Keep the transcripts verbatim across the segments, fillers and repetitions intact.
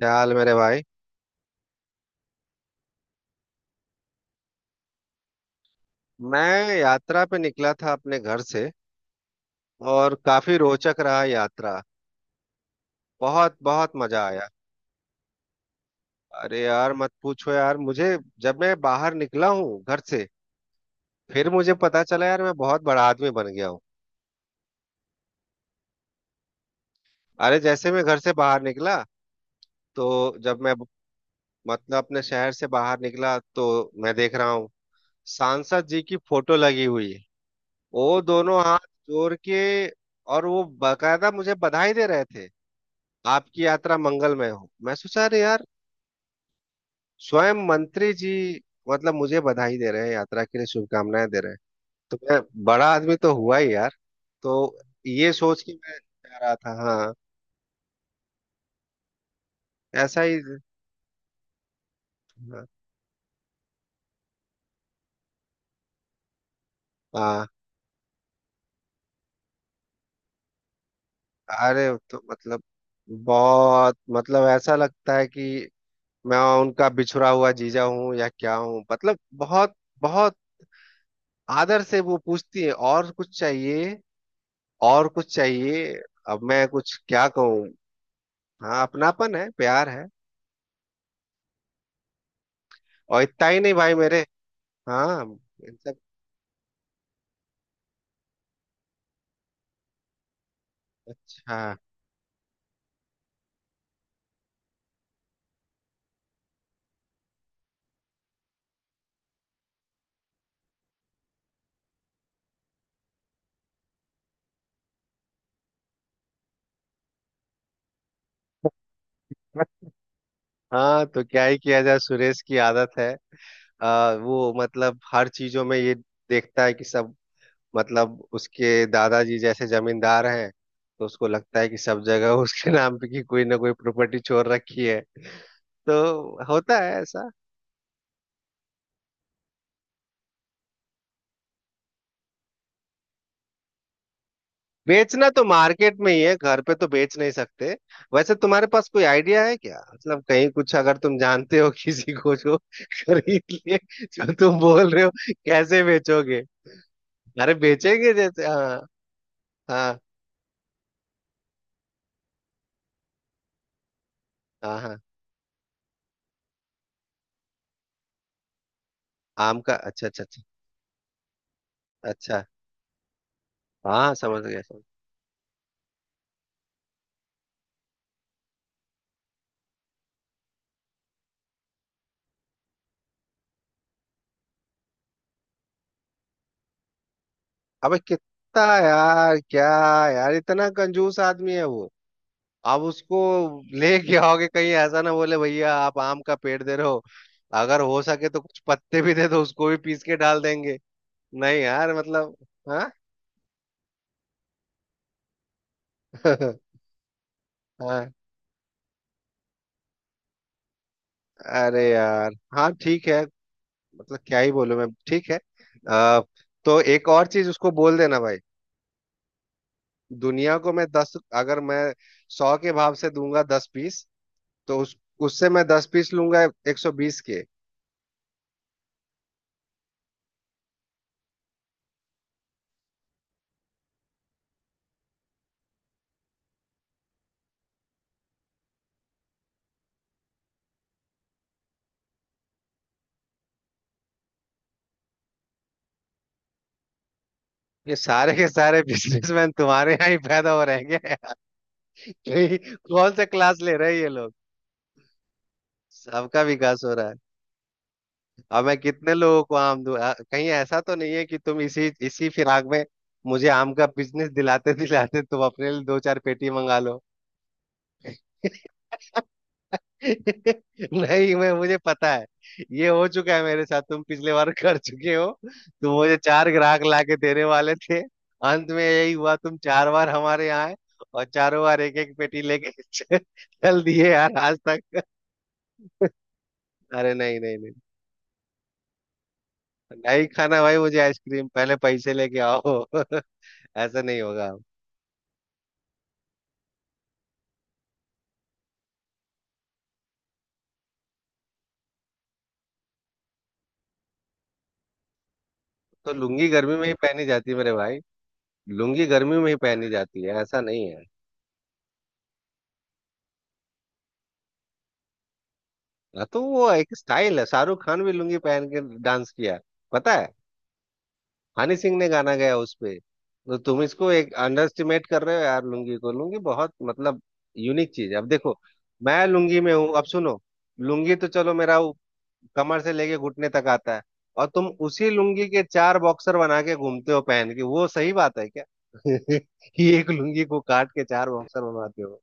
क्या हाल, मेरे भाई। मैं यात्रा पे निकला था अपने घर से। और काफी रोचक रहा यात्रा। बहुत बहुत मजा आया। अरे यार, मत पूछो यार मुझे, जब मैं बाहर निकला हूँ घर से, फिर मुझे पता चला यार, मैं बहुत बड़ा आदमी बन गया हूँ। अरे, जैसे मैं घर से बाहर निकला तो जब मैं मतलब अपने शहर से बाहर निकला, तो मैं देख रहा हूँ सांसद जी की फोटो लगी हुई है। वो दोनों हाथ जोड़ के, और वो बाकायदा मुझे बधाई दे रहे थे। आपकी यात्रा मंगलमय हो। मैं सोचा, अरे यार, स्वयं मंत्री जी मतलब मुझे बधाई दे रहे हैं, यात्रा के लिए शुभकामनाएं दे रहे हैं। तो मैं बड़ा आदमी तो हुआ ही यार। तो ये सोच के मैं जा रहा था। हाँ, ऐसा ही। हाँ, हाँ, अरे तो मतलब, बहुत मतलब ऐसा लगता है कि मैं उनका बिछुड़ा हुआ जीजा हूँ या क्या हूँ, मतलब बहुत बहुत आदर से वो पूछती है, और कुछ चाहिए, और कुछ चाहिए। अब मैं कुछ क्या कहूँ। हाँ, अपनापन है, प्यार है। और इतना ही नहीं भाई मेरे। हाँ। इन सब। अच्छा। हाँ, तो क्या ही किया जाए, सुरेश की आदत है। आ, वो मतलब हर चीजों में ये देखता है कि सब, मतलब उसके दादाजी जैसे जमींदार हैं, तो उसको लगता है कि सब जगह उसके नाम पे की कोई ना कोई प्रॉपर्टी छोड़ रखी है। तो होता है ऐसा। बेचना तो मार्केट में ही है, घर पे तो बेच नहीं सकते। वैसे तुम्हारे पास कोई आइडिया है क्या, मतलब कहीं कुछ, अगर तुम जानते हो किसी को जो खरीद ले, जो तुम बोल रहे हो? कैसे बेचोगे? अरे बेचेंगे जैसे। हाँ। हाँ, हाँ, हाँ। आम का, अच्छा, अच्छा, अच्छा, अच्छा। हाँ, समझ गया, समझ। अबे, कितना यार, क्या यार, इतना कंजूस आदमी है वो। आप उसको ले क्या होगे, कहीं ऐसा ना बोले, भैया आप आम का पेड़ दे रहे हो, अगर हो सके तो कुछ पत्ते भी दे दो, उसको भी पीस के डाल देंगे। नहीं यार, मतलब। हाँ। हाँ। अरे यार, हाँ ठीक है, मतलब क्या ही बोलूं मैं, ठीक है। आ, तो एक और चीज उसको बोल देना भाई, दुनिया को मैं दस, अगर मैं सौ के भाव से दूंगा दस पीस, तो उस उससे मैं दस पीस लूंगा एक सौ बीस के। ये सारे के सारे बिजनेसमैन तुम्हारे यहाँ ही पैदा हो रहेंगे। यही कौन सा क्लास ले रहे हैं ये लोग। सबका विकास हो रहा है। अब मैं कितने लोगों को आम दूं? आ- कहीं ऐसा तो नहीं है कि तुम इसी इसी फिराक में मुझे आम का बिजनेस दिलाते दिलाते तुम अपने लिए दो चार पेटी मंगा लो। नहीं, मैं मुझे पता है, ये हो चुका है मेरे साथ, तुम पिछले बार कर चुके हो, तुम मुझे चार ग्राहक लाके देने वाले थे, अंत में यही हुआ, तुम चार बार हमारे यहाँ आए, और चारों बार एक एक पेटी लेके चल दिए यार आज तक। अरे, नहीं, नहीं, नहीं। नहीं खाना भाई, मुझे आइसक्रीम पहले पैसे लेके आओ ऐसा नहीं होगा। तो लुंगी गर्मी में ही पहनी जाती है मेरे भाई। लुंगी गर्मी में ही पहनी जाती है, ऐसा नहीं है। हाँ, तो वो एक स्टाइल है, शाहरुख खान भी लुंगी पहन के डांस किया, पता है। हनी सिंह ने गाना गाया उस पे, तो तुम इसको एक अंडरस्टिमेट कर रहे हो यार, लुंगी को। लुंगी बहुत मतलब यूनिक चीज है। अब देखो, मैं लुंगी में हूँ, अब सुनो, लुंगी तो चलो मेरा कमर से लेके घुटने तक आता है, और तुम उसी लुंगी के चार बॉक्सर बना के घूमते हो पहन के, वो सही बात है क्या? ये एक लुंगी को काट के चार बॉक्सर बनवाते हो।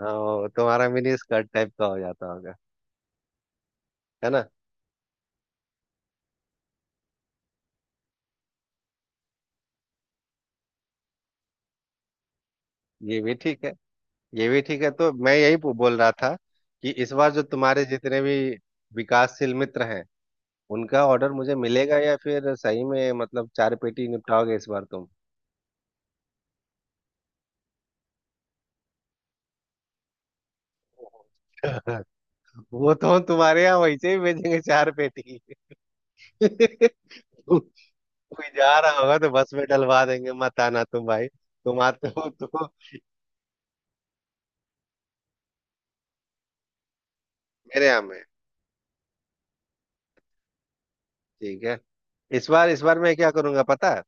हाँ, वो तुम्हारा मिनी स्कर्ट टाइप का हो जाता होगा, है ना? ये भी ठीक है, ये भी ठीक है, तो मैं यही पू- बोल रहा था, कि इस बार जो तुम्हारे जितने भी विकासशील मित्र हैं, उनका ऑर्डर मुझे मिलेगा, या फिर सही में मतलब चार पेटी निपटाओगे इस बार तुम? वो तो हम तुम्हारे यहाँ वैसे ही भेजेंगे चार पेटी। कोई जा रहा होगा तो बस में डलवा देंगे, मत आना तुम भाई, तुम आते हो तो मेरे यहाँ में। ठीक है। इस बार, इस बार मैं क्या करूंगा पता है,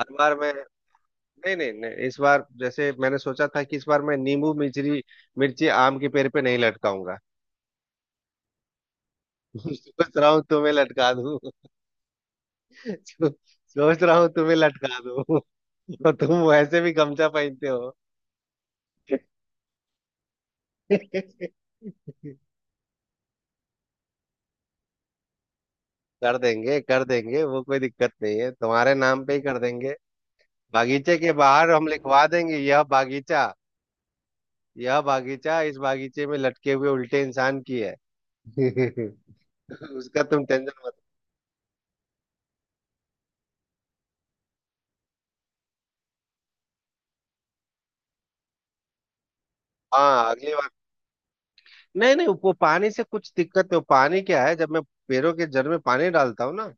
हर बार मैं, नहीं, नहीं, नहीं, इस बार जैसे मैंने सोचा था कि इस बार मैं नींबू मिर्ची, मिर्ची आम के पेड़ पे नहीं लटकाऊंगा। सोच रहा हूँ तुम्हें लटका दूं। सो- सोच रहा हूँ तुम्हें लटका दूं। और तुम वैसे भी गमछा पहनते हो। कर देंगे, कर देंगे, वो कोई दिक्कत नहीं है, तुम्हारे नाम पे ही कर देंगे। बागीचे के बाहर हम लिखवा देंगे, यह बागीचा, यह बागीचा इस बागीचे में लटके हुए उल्टे इंसान की है। उसका तुम टेंशन मत। हाँ, अगली बार। नहीं, नहीं, वो पानी से कुछ दिक्कत नहीं, वो पानी क्या है, जब मैं पेड़ों के जड़ में पानी डालता हूँ ना,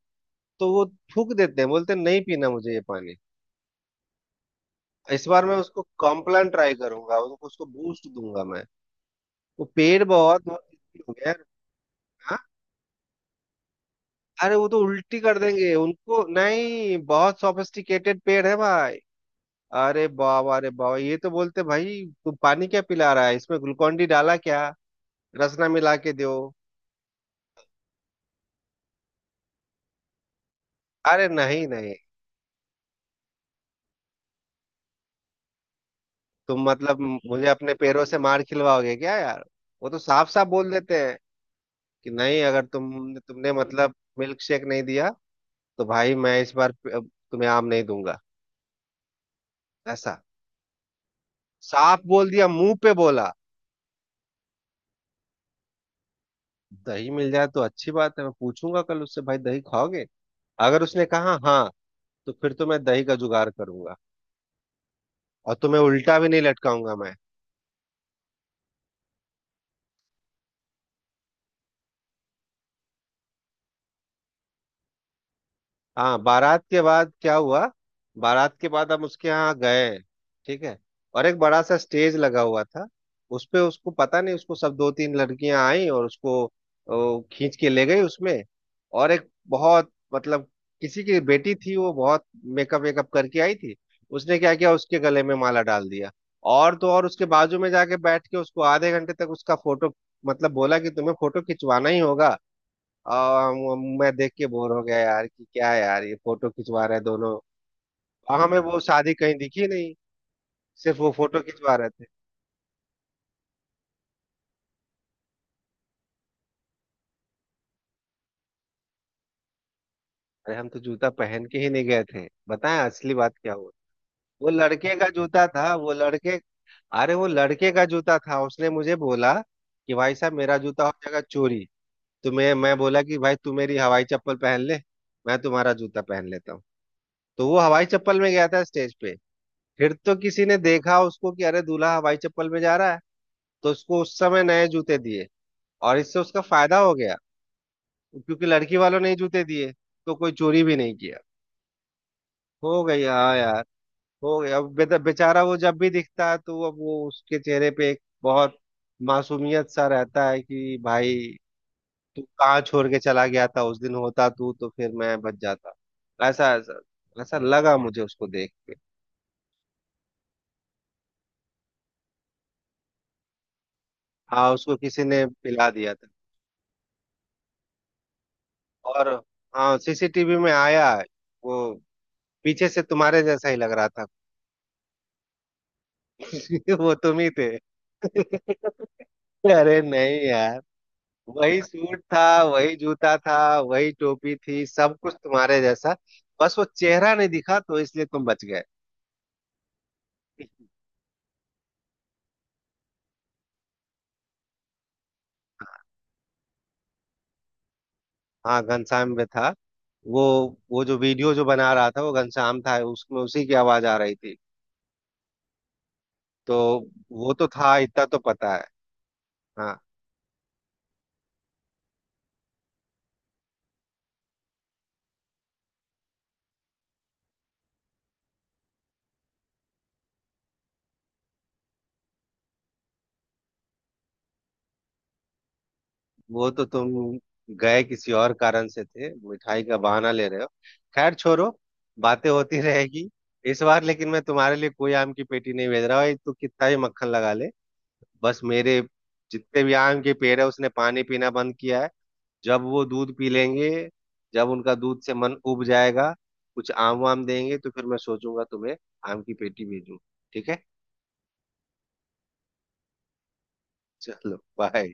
तो वो थूक देते हैं, बोलते हैं, नहीं पीना मुझे ये पानी। इस बार मैं उसको कॉम्प्लान ट्राई करूंगा, उसको उसको बूस्ट दूंगा मैं। वो पेड़ बहुत बहुत दुखी हो गया। हाँ। अरे, वो तो उल्टी कर देंगे उनको, नहीं, बहुत सॉफिस्टिकेटेड पेड़ है भाई। अरे बाबा, अरे बाबा, ये तो बोलते, भाई तू पानी क्या पिला रहा है, इसमें ग्लूकोन डी डाला क्या, रसना मिला के दो। अरे, नहीं, नहीं, तुम मतलब मुझे अपने पैरों से मार खिलवाओगे क्या यार। वो तो साफ साफ बोल देते हैं कि नहीं, अगर तुम तुमने मतलब मिल्क शेक नहीं दिया, तो भाई मैं इस बार प- तुम्हें आम नहीं दूंगा। ऐसा साफ बोल दिया, मुंह पे बोला। दही मिल जाए तो अच्छी बात है, मैं पूछूंगा कल उससे, भाई दही खाओगे? अगर उसने कहा हाँ, तो फिर तो मैं दही का जुगाड़ करूंगा, और तुम्हें उल्टा भी नहीं लटकाऊंगा मैं। हाँ, बारात के बाद क्या हुआ? बारात के बाद हम उसके यहाँ गए, ठीक है, और एक बड़ा सा स्टेज लगा हुआ था। उस पे उसको पता नहीं, उसको सब दो तीन लड़कियां आई और उसको ओ, खींच के ले गई उसमें। और एक बहुत मतलब, किसी की बेटी थी, वो बहुत मेकअप वेकअप करके आई थी। उसने क्या किया, उसके गले में माला डाल दिया। और तो और, उसके बाजू में जाके बैठ के उसको आधे घंटे तक उसका फोटो, मतलब बोला कि तुम्हें फोटो खिंचवाना ही होगा। आ, मैं देख के बोर हो गया यार, कि क्या है यार, ये फोटो खिंचवा रहे हैं दोनों, और हमें वो शादी कहीं दिखी नहीं, सिर्फ वो फोटो खिंचवा रहे थे। अरे, हम तो जूता पहन के ही नहीं गए थे, बताएं असली बात क्या हुआ। वो लड़के का जूता था वो लड़के अरे, वो लड़के का जूता था, उसने मुझे बोला कि भाई साहब, मेरा जूता हो जाएगा चोरी। तो मैं मैं बोला कि भाई तू मेरी हवाई चप्पल पहन ले, मैं तुम्हारा जूता पहन लेता हूँ। तो वो हवाई चप्पल में गया था स्टेज पे, फिर तो किसी ने देखा उसको कि अरे, दूल्हा हवाई चप्पल में जा रहा है, तो उसको उस समय नए जूते दिए, और इससे उसका फायदा हो गया, क्योंकि लड़की वालों ने ही जूते दिए, तो कोई चोरी भी नहीं किया। हो गई हाँ यार, हो गया। अब बेद- बेचारा वो जब भी दिखता है तो अब वो उसके चेहरे पे एक बहुत मासूमियत सा रहता है, कि भाई तू कहाँ छोड़ के चला गया था, उस दिन होता तू तो फिर मैं बच जाता। ऐसा, ऐसा, ऐसा लगा मुझे उसको देख के। हाँ, उसको किसी ने पिला दिया था। और हाँ, सीसीटीवी में आया है, वो पीछे से तुम्हारे जैसा ही लग रहा था। वो तुम ही थे। अरे नहीं यार, वही सूट था, वही जूता था, वही टोपी थी, सब कुछ तुम्हारे जैसा, बस वो चेहरा नहीं दिखा तो इसलिए तुम बच गए। हाँ, घनश्याम में था। वो वो जो वीडियो जो बना रहा था वो घनश्याम था, उसमें उसी की आवाज आ रही थी तो। वो तो था, इतना तो पता है। हाँ, वो तो तुम गए किसी और कारण से थे, मिठाई का बहाना ले रहे हो। खैर छोड़ो, बातें होती रहेगी। इस बार लेकिन मैं तुम्हारे लिए कोई आम की पेटी नहीं भेज रहा हूँ, तू कितना ही मक्खन लगा ले, बस मेरे जितने भी आम के पेड़ है उसने पानी पीना बंद किया है। जब वो दूध पी लेंगे, जब उनका दूध से मन उब जाएगा, कुछ आम वाम देंगे, तो फिर मैं सोचूंगा तुम्हें आम की पेटी भेजूं। ठीक है। चलो बाय।